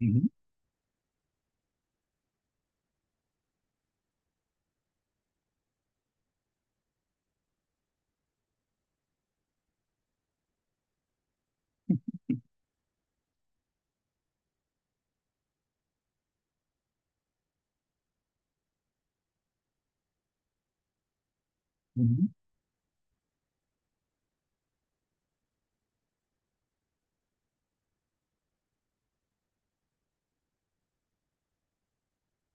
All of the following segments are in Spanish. Ujú, ujú.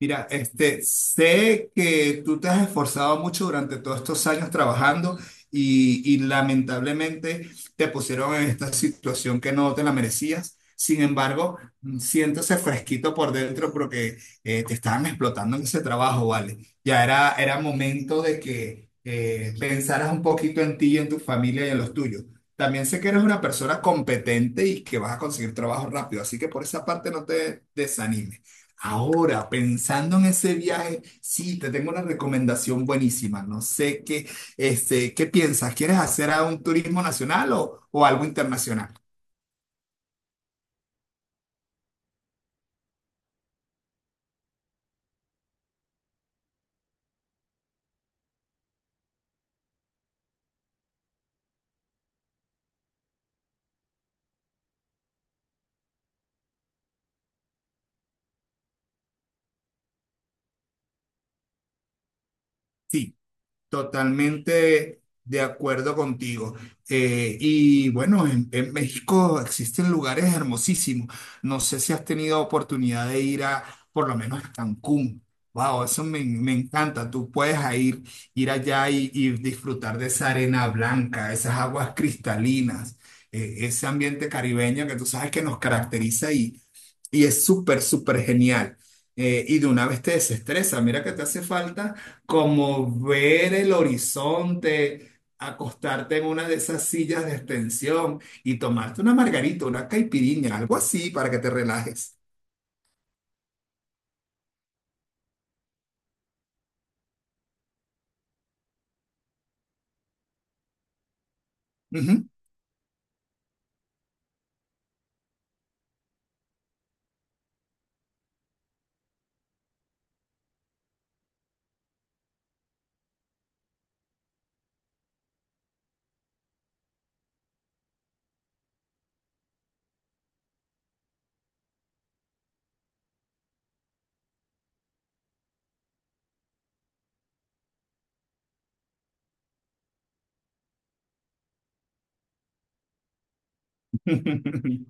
Mira, este, sé que tú te has esforzado mucho durante todos estos años trabajando y lamentablemente te pusieron en esta situación que no te la merecías. Sin embargo, siéntese fresquito por dentro porque te estaban explotando en ese trabajo, ¿vale? Ya era momento de que pensaras un poquito en ti y en tu familia y en los tuyos. También sé que eres una persona competente y que vas a conseguir trabajo rápido, así que por esa parte no te desanimes. Ahora, pensando en ese viaje, sí, te tengo una recomendación buenísima. No sé qué, este, ¿qué piensas? ¿Quieres hacer a un turismo nacional o algo internacional? Sí. Totalmente de acuerdo contigo. Y bueno, en México existen lugares hermosísimos. No sé si has tenido oportunidad de ir a, Por lo menos a Cancún. Wow, me encanta. Tú puedes a ir, Ir allá y disfrutar de esa arena blanca, esas aguas cristalinas, ese ambiente caribeño que tú sabes que nos caracteriza y es súper genial. Y de una vez te desestresa. Mira que te hace falta como ver el horizonte, acostarte en una de esas sillas de extensión y tomarte una margarita, una caipirinha, algo así para que te relajes. Ujú.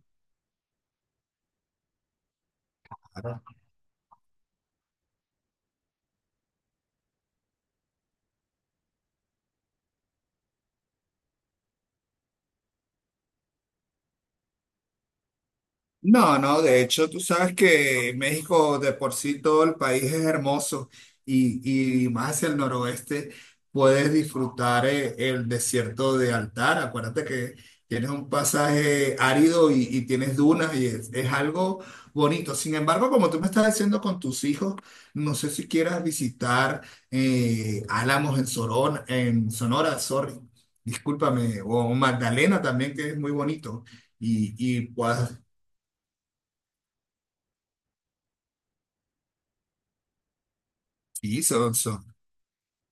No, no, de hecho, tú sabes que México de por sí todo el país es hermoso y más hacia el noroeste puedes disfrutar el desierto de Altar. Acuérdate que tienes un pasaje árido y tienes dunas y es algo bonito. Sin embargo, como tú me estás diciendo con tus hijos, no sé si quieras visitar Álamos en Sorona, en Sonora, sorry, discúlpame, o Magdalena también, que es muy bonito y Sí, son, son-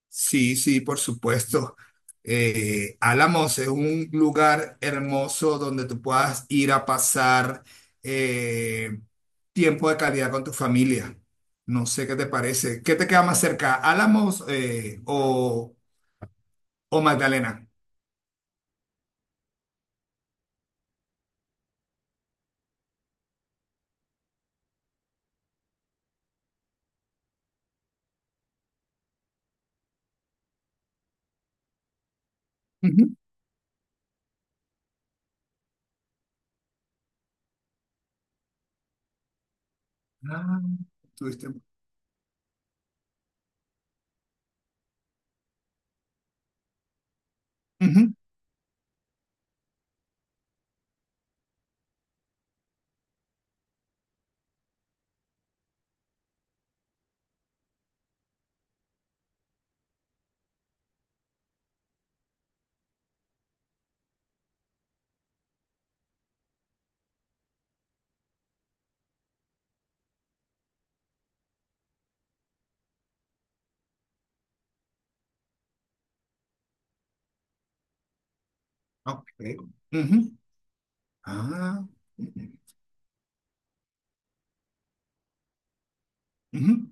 Sí, sí, por supuesto. Álamos es un lugar hermoso donde tú puedas ir a pasar eh, tiempo de calidad con tu familia. No sé qué te parece. ¿Qué te queda más cerca, Álamos o Magdalena? Ujú. Ah, tuviste- ujú. Ok. Ujú. Ah, ujú.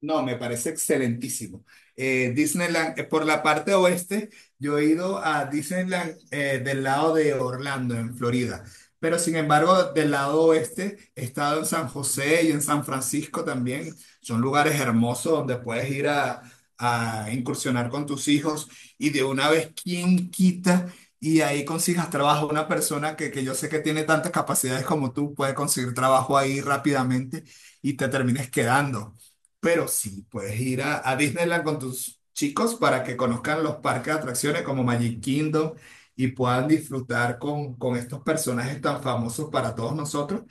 No, me parece excelentísimo. Disneyland, por la parte oeste, yo he ido a Disneyland del lado de Orlando, en Florida. Pero sin embargo, del lado oeste, he estado en San José y en San Francisco también. Son lugares hermosos donde puedes ir a incursionar con tus hijos y de una vez, ¿quién quita? Y ahí consigas trabajo. Una persona que yo sé que tiene tantas capacidades como tú puede conseguir trabajo ahí rápidamente y te termines quedando. Pero sí, puedes ir a Disneyland con tus chicos para que conozcan los parques de atracciones como Magic Kingdom y puedan disfrutar con estos personajes tan famosos para todos nosotros.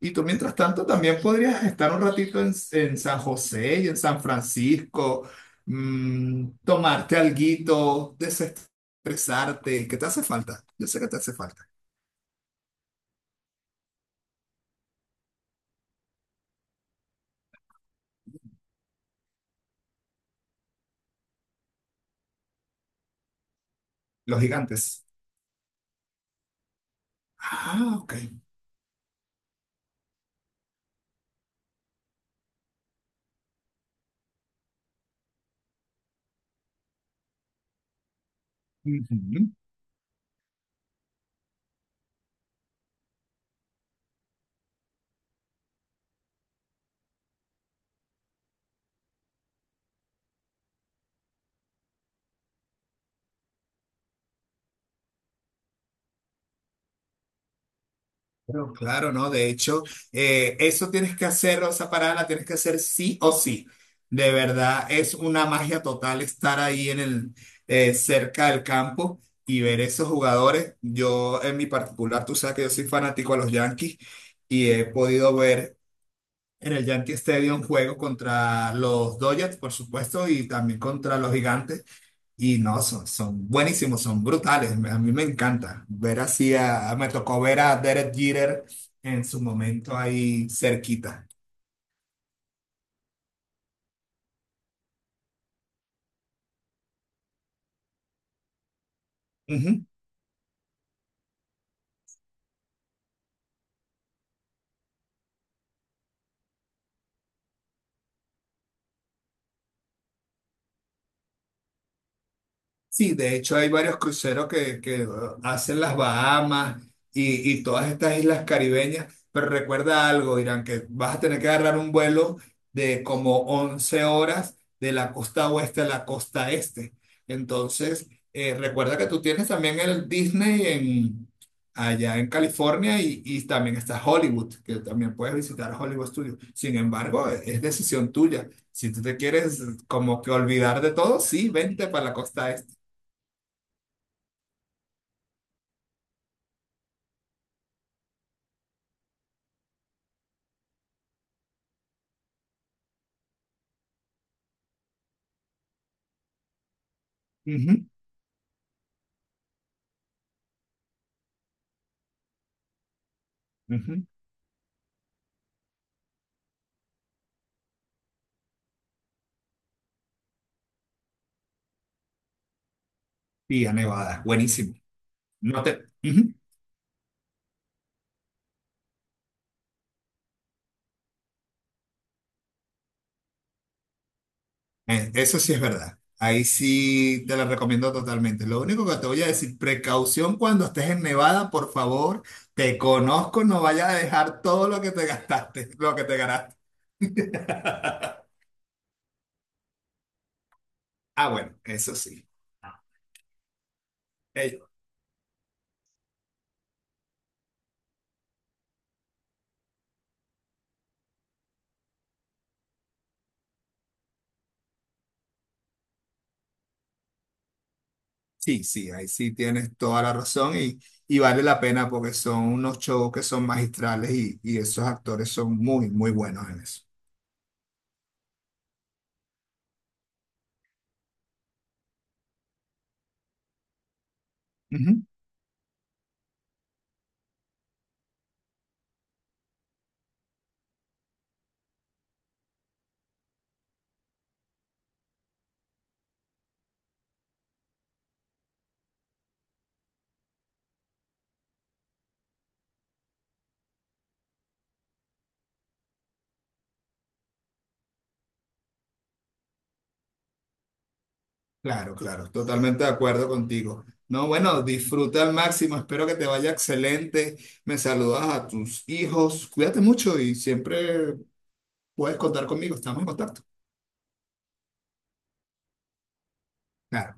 Y tú, mientras tanto, también podrías estar un ratito en San José y en San Francisco, tomarte alguito, desestresarte. ¿Qué te hace falta? Yo sé que te hace falta. Los gigantes. Ah, ok. Ujú. Claro, claro, ¿no? De hecho, eso tienes que hacer, o esa parada la tienes que hacer sí o sí. De verdad, es una magia total estar ahí en el, cerca del campo y ver esos jugadores. Yo, en mi particular, tú sabes que yo soy fanático a los Yankees y he podido ver en el Yankee Stadium juego contra los Dodgers, por supuesto, y también contra los Gigantes. Y no, son buenísimos, son brutales. A mí me encanta ver me tocó ver a Derek Jeter en su momento ahí cerquita. Sí, de hecho hay varios cruceros que hacen las Bahamas y todas estas islas caribeñas, pero recuerda algo, Irán, que vas a tener que agarrar un vuelo de como 11 horas de la costa oeste a la costa este. Entonces, recuerda que tú tienes también el Disney allá en California y también está Hollywood, que también puedes visitar Hollywood Studios. Sin embargo, es decisión tuya. Si tú te quieres como que olvidar de todo, sí, vente para la costa. Ujú, ujú. Y a Nevada, buenísimo. No te, ujú. Eso sí es verdad. Ahí sí te la recomiendo totalmente. Lo único que te voy a decir, precaución cuando estés en Nevada, por favor, te conozco, no vayas a dejar todo lo que te gastaste, lo que te ganaste. Ah, bueno, eso sí. Eh, sí, sí, ahí sí tienes toda la razón y vale la pena porque son unos shows que son magistrales y esos actores son muy buenos en eso. Claro, claro, totalmente de acuerdo contigo. No, bueno, disfruta al máximo, espero que te vaya excelente. Me saludas a tus hijos, cuídate mucho y siempre puedes contar conmigo, estamos en contacto. Claro.